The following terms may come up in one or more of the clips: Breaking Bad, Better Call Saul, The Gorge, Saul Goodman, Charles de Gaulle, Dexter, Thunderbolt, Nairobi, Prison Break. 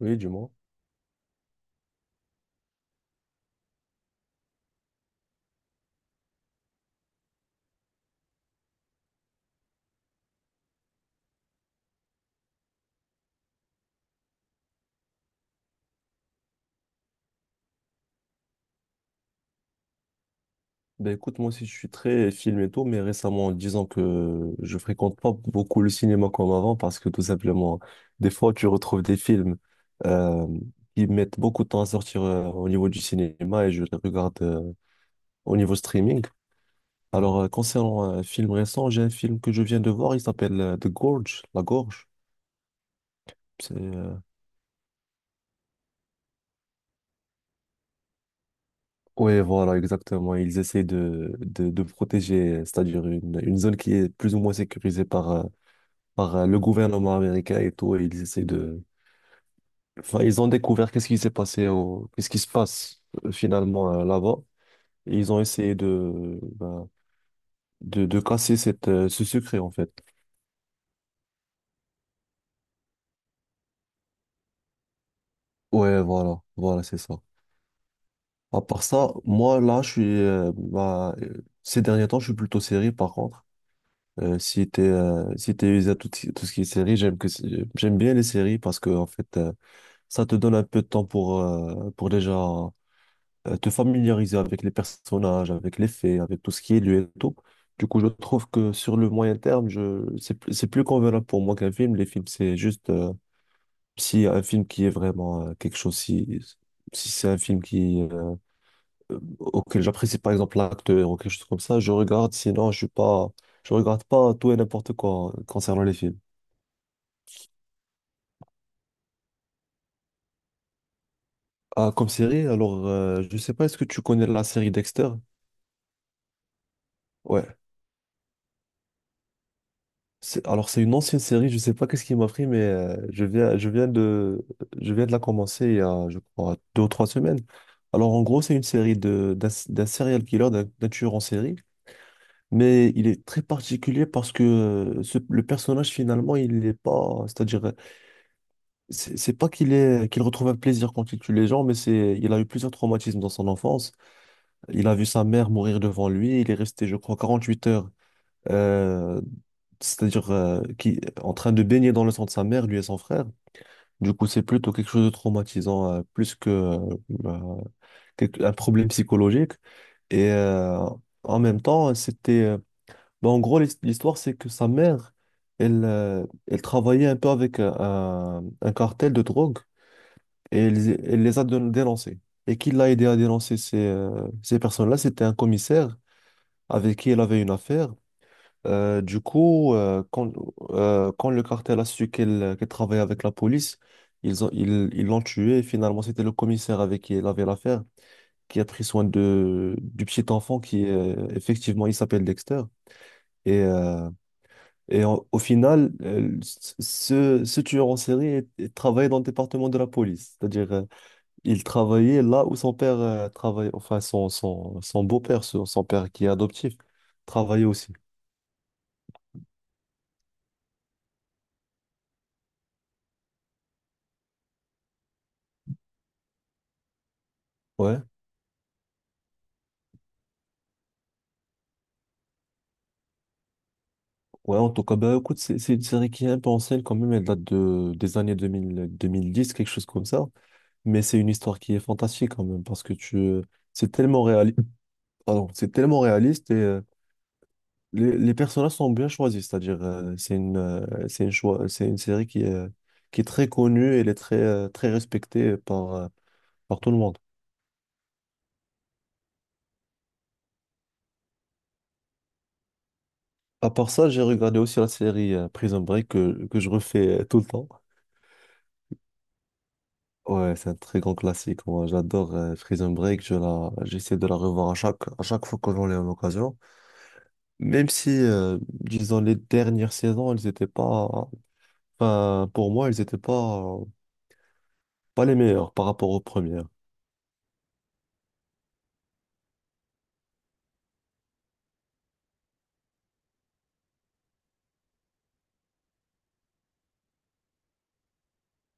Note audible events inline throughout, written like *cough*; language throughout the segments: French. Oui, du moins. Ben écoute, moi aussi je suis très film et tout, mais récemment, disons que je fréquente pas beaucoup le cinéma comme avant parce que tout simplement, des fois tu retrouves des films euh, qui mettent beaucoup de temps à sortir au niveau du cinéma et je les regarde au niveau streaming. Alors, concernant un film récent, j'ai un film que je viens de voir, il s'appelle The Gorge, La Gorge. C'est, euh, Oui, voilà, exactement. Ils essaient de protéger, c'est-à-dire une zone qui est plus ou moins sécurisée par le gouvernement américain et tout, et ils essaient de... Enfin, ils ont découvert qu'est-ce qui s'est passé, qu'est-ce qui se passe finalement là-bas, et ils ont essayé ben, de casser ce secret, en fait. Ouais, voilà, voilà, c'est ça. À part ça, moi, là, ben, ces derniers temps, je suis plutôt série, par contre. Si t'es usé à tout, tout ce qui est série, j'aime bien les séries parce que en fait ça te donne un peu de temps pour déjà te familiariser avec les personnages, avec les faits, avec tout ce qui est lieu et tout. Du coup, je trouve que sur le moyen terme, c'est plus convenable pour moi qu'un film. Les films, c'est juste, si un film qui est vraiment quelque chose, si c'est un film auquel j'apprécie par exemple l'acteur ou quelque chose comme ça, je regarde. Sinon, je suis pas, je regarde pas tout et n'importe quoi concernant les films. Ah, comme série, alors, je sais pas, est-ce que tu connais la série Dexter? Ouais. Alors, c'est une ancienne série, je sais pas qu'est-ce qui m'a pris, mais je viens de la commencer il y a, je crois, 2 ou 3 semaines. Alors, en gros, c'est une série d'un serial killer, d'un tueur en série, mais il est très particulier parce que le personnage, finalement, il n'est pas, c'est-à-dire, c'est pas qu'il retrouve un plaisir quand il tue les gens, mais c'est, il a eu plusieurs traumatismes dans son enfance. Il a vu sa mère mourir devant lui, il est resté, je crois, 48 heures euh, c'est-à-dire qui en train de baigner dans le sang de sa mère, lui et son frère. Du coup, c'est plutôt quelque chose de traumatisant, plus que euh, un problème psychologique. Et en même temps, c'était. Bah, en gros, l'histoire, c'est que sa mère, elle travaillait un peu avec un cartel de drogue et elle les a dénoncés. Et qui l'a aidé à dénoncer ces personnes-là, c'était un commissaire avec qui elle avait une affaire. Du coup, quand le cartel a su qu'elle travaillait avec la police, ils l'ont tué. Et finalement, c'était le commissaire avec qui il avait l'affaire qui a pris soin du petit enfant qui, effectivement, il s'appelle Dexter. Et, euh, et au final, ce tueur en série travaillait dans le département de la police. C'est-à-dire, il travaillait là où son père travaillait, enfin, son beau-père, son père qui est adoptif, travaillait aussi. Ouais. Ouais, en tout cas, bah, écoute, c'est une série qui est un peu ancienne quand même, elle date des années 2000, 2010, quelque chose comme ça. Mais c'est une histoire qui est fantastique quand même, parce que c'est tellement réaliste, pardon, c'est tellement réaliste et les personnages sont bien choisis, c'est-à-dire c'est une choix, c'est une série qui est, très connue et elle est très respectée par tout le monde. À part ça, j'ai regardé aussi la série Prison Break que je refais tout le temps. Ouais, c'est un très grand classique. Moi, j'adore Prison Break. J'essaie de la revoir à chaque fois que j'en ai l'occasion. Même si, disons, les dernières saisons, elles étaient pas, enfin, pour moi, elles étaient pas les meilleures par rapport aux premières.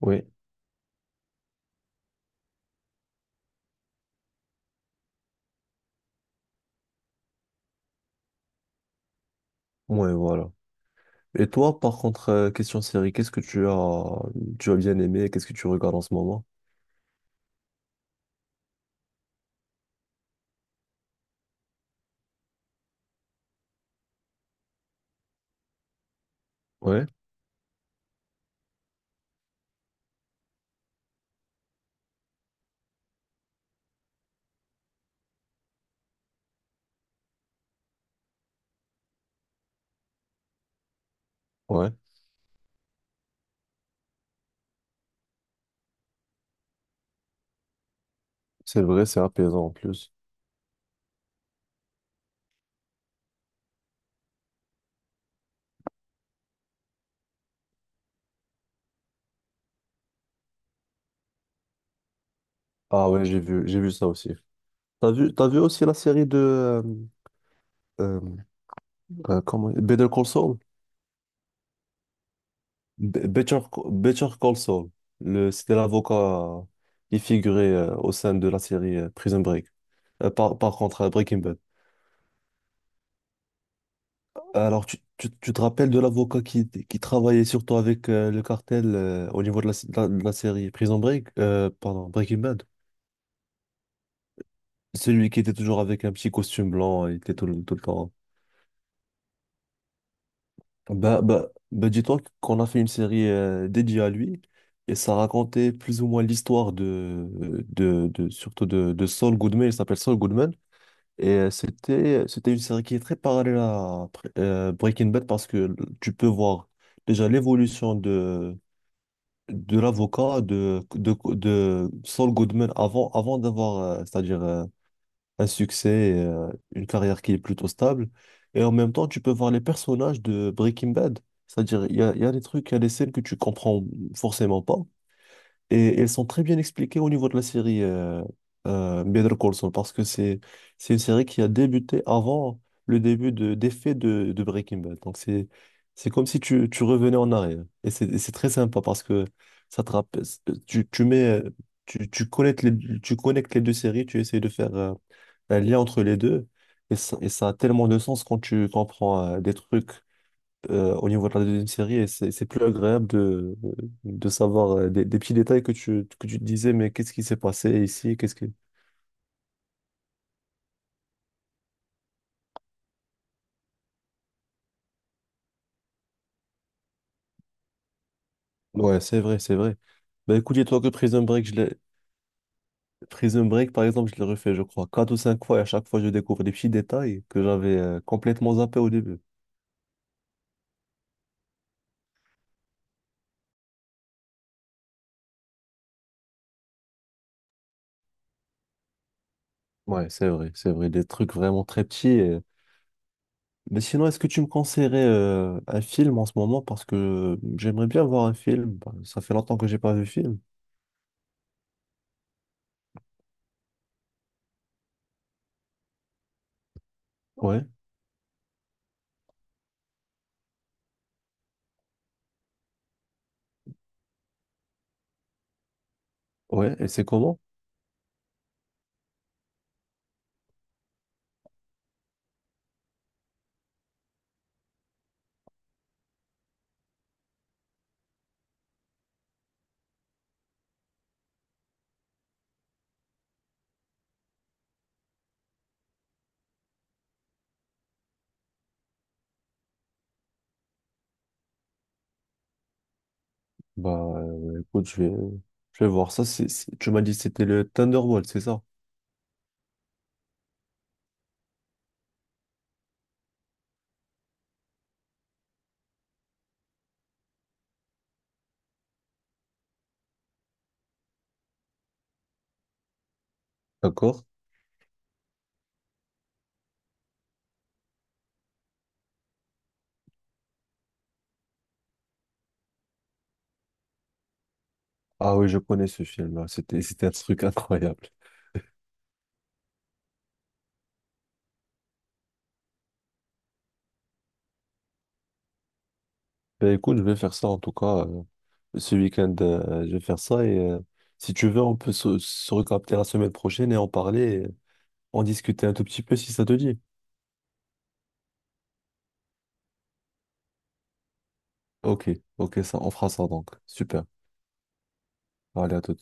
Oui. Ouais, voilà. Et toi, par contre, question série, qu'est-ce que tu as bien aimé? Qu'est-ce que tu regardes en ce moment? Ouais, ouais. C'est vrai, c'est apaisant en plus. Ah ouais, j'ai vu ça aussi. T'as vu aussi la série euh, comment... Better Call Saul? Be- Better, Better Call Saul. C'était l'avocat qui figurait au sein de la série Prison Break. Par contre, Breaking Bad. Alors, tu te rappelles de l'avocat qui travaillait surtout avec le cartel au niveau de la série Prison Break, pardon, Breaking Bad? Celui qui était toujours avec un petit costume blanc, il était tout le temps. Bah, dis-toi qu'on a fait une série dédiée à lui et ça racontait plus ou moins l'histoire surtout de Saul Goodman, il s'appelle Saul Goodman et c'était une série qui est très parallèle à Breaking Bad parce que tu peux voir déjà l'évolution de l'avocat de Saul Goodman avant d'avoir c'est-à-dire un succès, et une carrière qui est plutôt stable. Et en même temps, tu peux voir les personnages de Breaking Bad. C'est-à-dire, il y a des trucs, il y a des scènes que tu comprends forcément pas. Et elles sont très bien expliquées au niveau de la série Better Call Saul, parce que c'est une série qui a débuté avant le début des faits de Breaking Bad. Donc, c'est comme si tu revenais en arrière. Et c'est très sympa parce que ça te rappelle, tu, tu mets, tu connectes les deux séries, tu essayes de faire. Un lien entre les deux. Et ça a tellement de sens quand tu comprends des trucs au niveau de la deuxième série. Et c'est plus agréable de savoir des petits détails que tu te disais, mais qu'est-ce qui s'est passé ici? Qu'est-ce qui... Ouais, c'est vrai, c'est vrai. Bah écoute, dis-toi que Prison Break, je l'ai... Prison Break, par exemple, je l'ai refait, je crois, quatre ou cinq fois. Et à chaque fois, je découvre des petits détails que j'avais complètement zappés au début. Ouais, c'est vrai, c'est vrai. Des trucs vraiment très petits. Mais sinon, est-ce que tu me conseillerais un film en ce moment? Parce que j'aimerais bien voir un film. Bah, ça fait longtemps que j'ai pas vu de film. Ouais, ouais. Et c'est comment? Bah, écoute, je vais voir ça. Tu m'as dit que c'était le Thunderbolt, c'est ça? D'accord? Ah oui, je connais ce film, là. C'était un truc *laughs* incroyable. Bah, écoute, je vais faire ça en tout cas. Ce week-end, je vais faire ça. Et si tu veux, on peut se recapter la semaine prochaine et en parler, et en discuter un tout petit peu si ça te dit. Ok, ok, ça, on fera ça donc. Super. Allez, à tout.